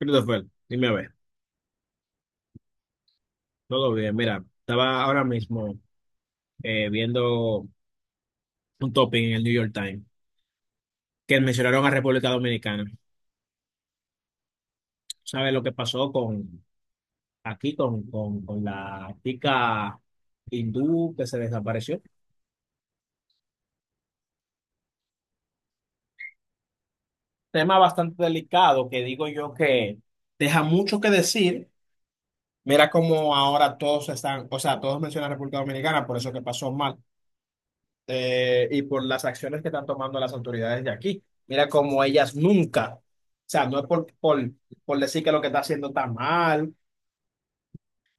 Christopher, dime a ver, todo bien. Mira, estaba ahora mismo viendo un topic en el New York Times que mencionaron a República Dominicana. ¿Sabes lo que pasó con aquí con la chica hindú que se desapareció? Tema bastante delicado que digo yo que deja mucho que decir. Mira cómo ahora todos están, o sea, todos mencionan a República Dominicana, por eso que pasó mal. Y por las acciones que están tomando las autoridades de aquí. Mira cómo ellas nunca, o sea, no es por decir que lo que está haciendo está mal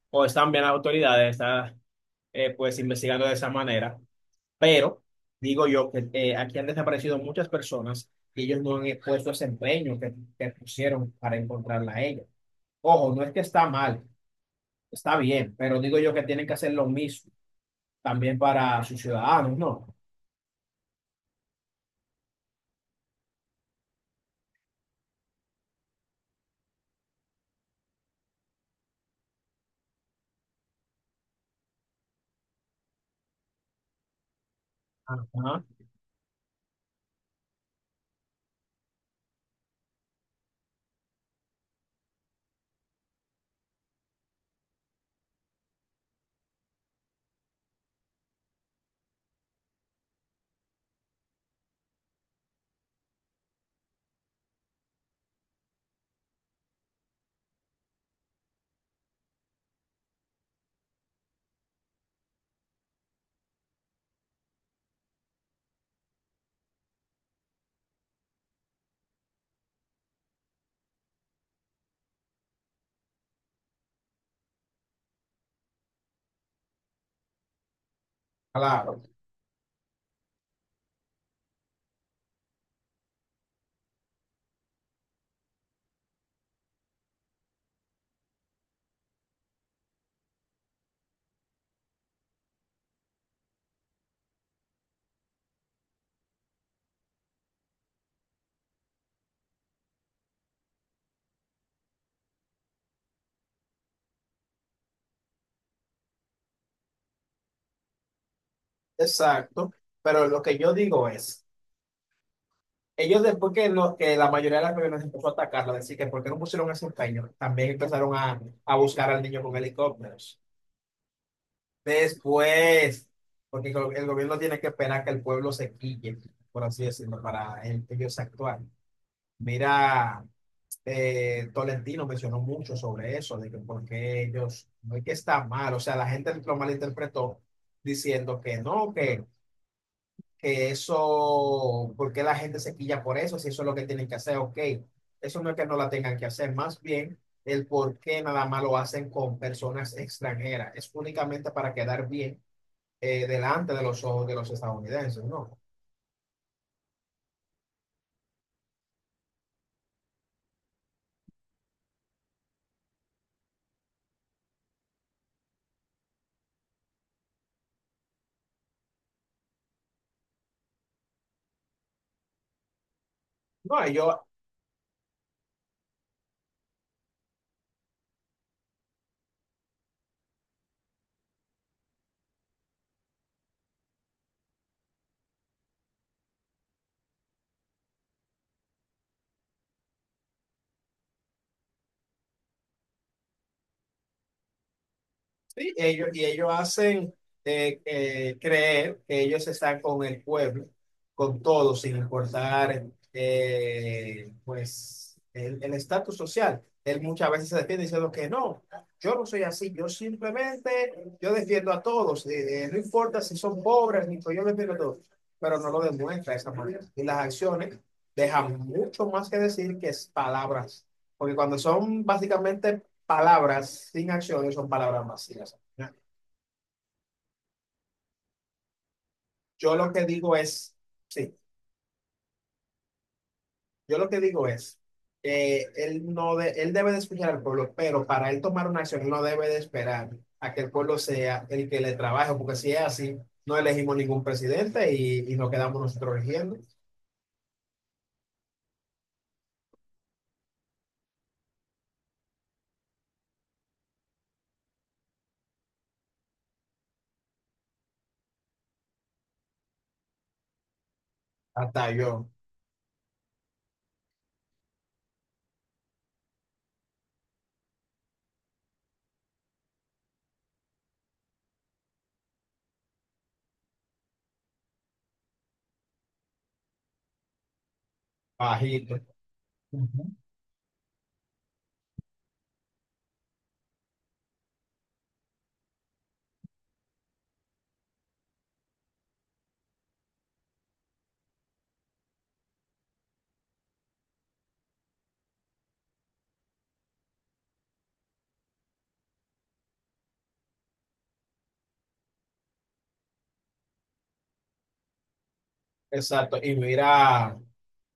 o están bien las autoridades, están pues investigando de esa manera, pero digo yo que aquí han desaparecido muchas personas y ellos no han puesto ese empeño que pusieron para encontrarla a ella. Ojo, no es que está mal, está bien, pero digo yo que tienen que hacer lo mismo también para sus ciudadanos, ¿no? Ajá, claro. Exacto, pero lo que yo digo es, ellos después que, lo, que la mayoría de las personas empezó a atacarla, decir que por qué no pusieron ese empeño, también empezaron a buscar al niño con helicópteros. Después, porque el gobierno tiene que esperar que el pueblo se quille, por así decirlo, para ellos actuar. Mira, Tolentino mencionó mucho sobre eso, de que por qué ellos, no es que está mal, o sea, la gente lo malinterpretó diciendo que no, que eso, ¿porque la gente se quilla por eso? Si eso es lo que tienen que hacer, ok. Eso no es que no la tengan que hacer, más bien el por qué nada más lo hacen con personas extranjeras. Es únicamente para quedar bien delante de los ojos de los estadounidenses, ¿no? No, ellos, sí, ellos, y ellos hacen creer que ellos están con el pueblo, con todo, sin importar pues el estatus social. Él muchas veces se defiende diciendo que no, yo no soy así, yo simplemente, yo defiendo a todos, no importa si son pobres, ni yo defiendo a todos, pero no lo demuestra de esa manera. Y las acciones dejan mucho más que decir que es palabras, porque cuando son básicamente palabras sin acciones son palabras vacías. Yo lo que digo es, sí, yo lo que digo es, él, no de- él debe de escuchar al pueblo, pero para él tomar una acción, no debe de esperar a que el pueblo sea el que le trabaje, porque si es así, no elegimos ningún presidente y nos quedamos nosotros eligiendo. Hasta yo, bajito. Ujú. Exacto, y mira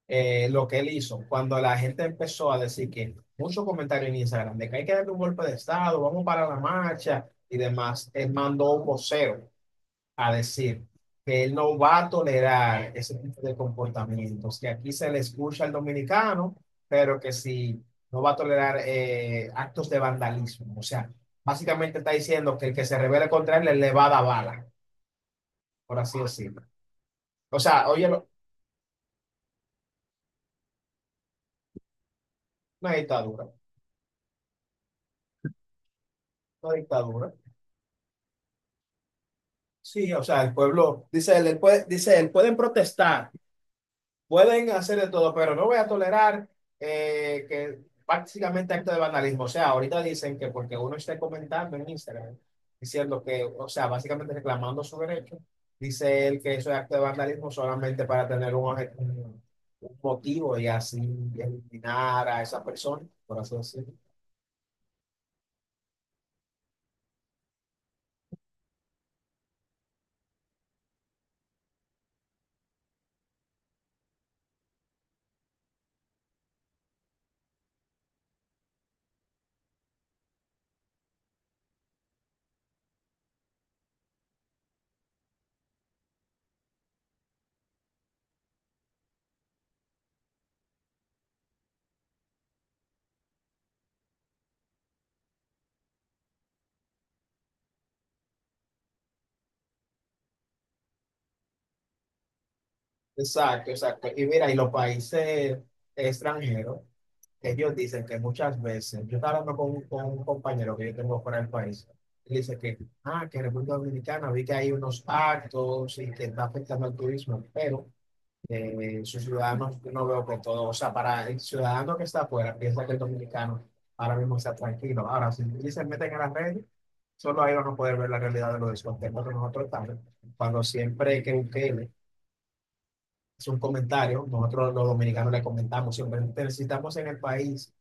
lo que él hizo. Cuando la gente empezó a decir que muchos comentarios en Instagram de que hay que darle un golpe de Estado, vamos para la marcha y demás, él mandó un vocero a decir que él no va a tolerar ese tipo de comportamientos, que aquí se le escucha al dominicano, pero que si no va a tolerar actos de vandalismo. O sea, básicamente está diciendo que el que se revele contra él le va a dar bala, por así decirlo. O sea, oye, lo- una dictadura. Una dictadura. Sí, o sea, el pueblo, dice él, él puede- dice él, pueden protestar, pueden hacer de todo, pero no voy a tolerar que prácticamente acto de vandalismo. O sea, ahorita dicen que porque uno esté comentando en Instagram, diciendo que, o sea, básicamente reclamando su derecho, dice él que eso es acto de vandalismo solamente para tener un, un motivo y así eliminar a esa persona, por así decirlo. Exacto, exacto. Y mira, y los países extranjeros, ellos dicen que muchas veces, yo estaba hablando con un compañero que yo tengo fuera del país, y dice que, ah, que en República Dominicana vi que hay unos actos y que está afectando al turismo, pero sus ciudadanos, yo no veo que todo, o sea, para el ciudadano que está afuera, piensa que el dominicano ahora mismo está tranquilo. Ahora, si se meten en las redes, solo ahí van a poder ver la realidad de los descontentos que nosotros estamos, cuando siempre que busquen es un comentario. Nosotros los dominicanos le comentamos siempre, necesitamos en el país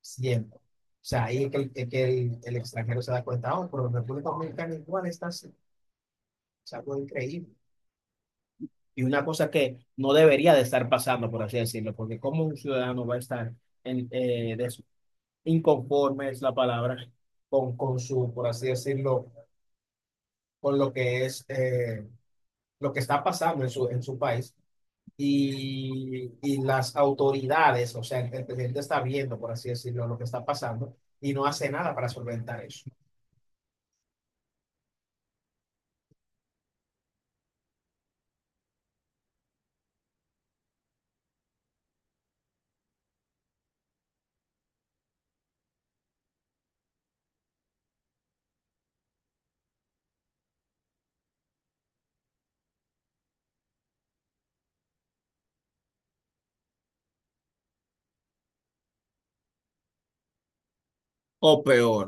siempre. O sea, ahí es que el extranjero se da cuenta, oh, pero en República Dominicana igual está así. Es algo increíble. Y una cosa que no debería de estar pasando, por así decirlo, porque como un ciudadano va a estar en, inconforme, es la palabra, con su, por así decirlo, con lo que es, lo que está pasando en su país. Y, y las autoridades, o sea, el presidente está viendo, por así decirlo, lo que está pasando y no hace nada para solventar eso. O peor,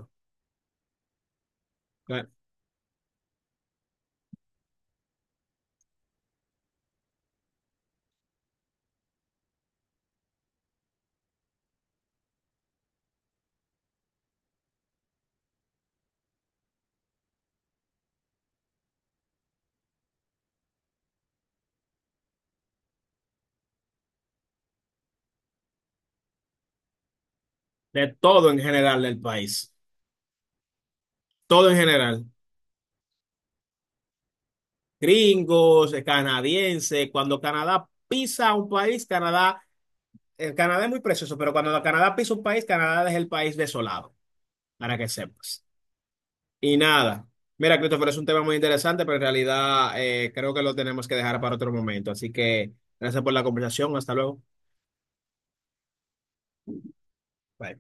de todo en general del país, todo en general, gringos, canadienses, cuando Canadá pisa un país, Canadá, el Canadá es muy precioso, pero cuando Canadá pisa un país, Canadá es el país desolado, para que sepas. Y nada, mira, Christopher, es un tema muy interesante, pero en realidad creo que lo tenemos que dejar para otro momento. Así que gracias por la conversación. Hasta luego. Bye.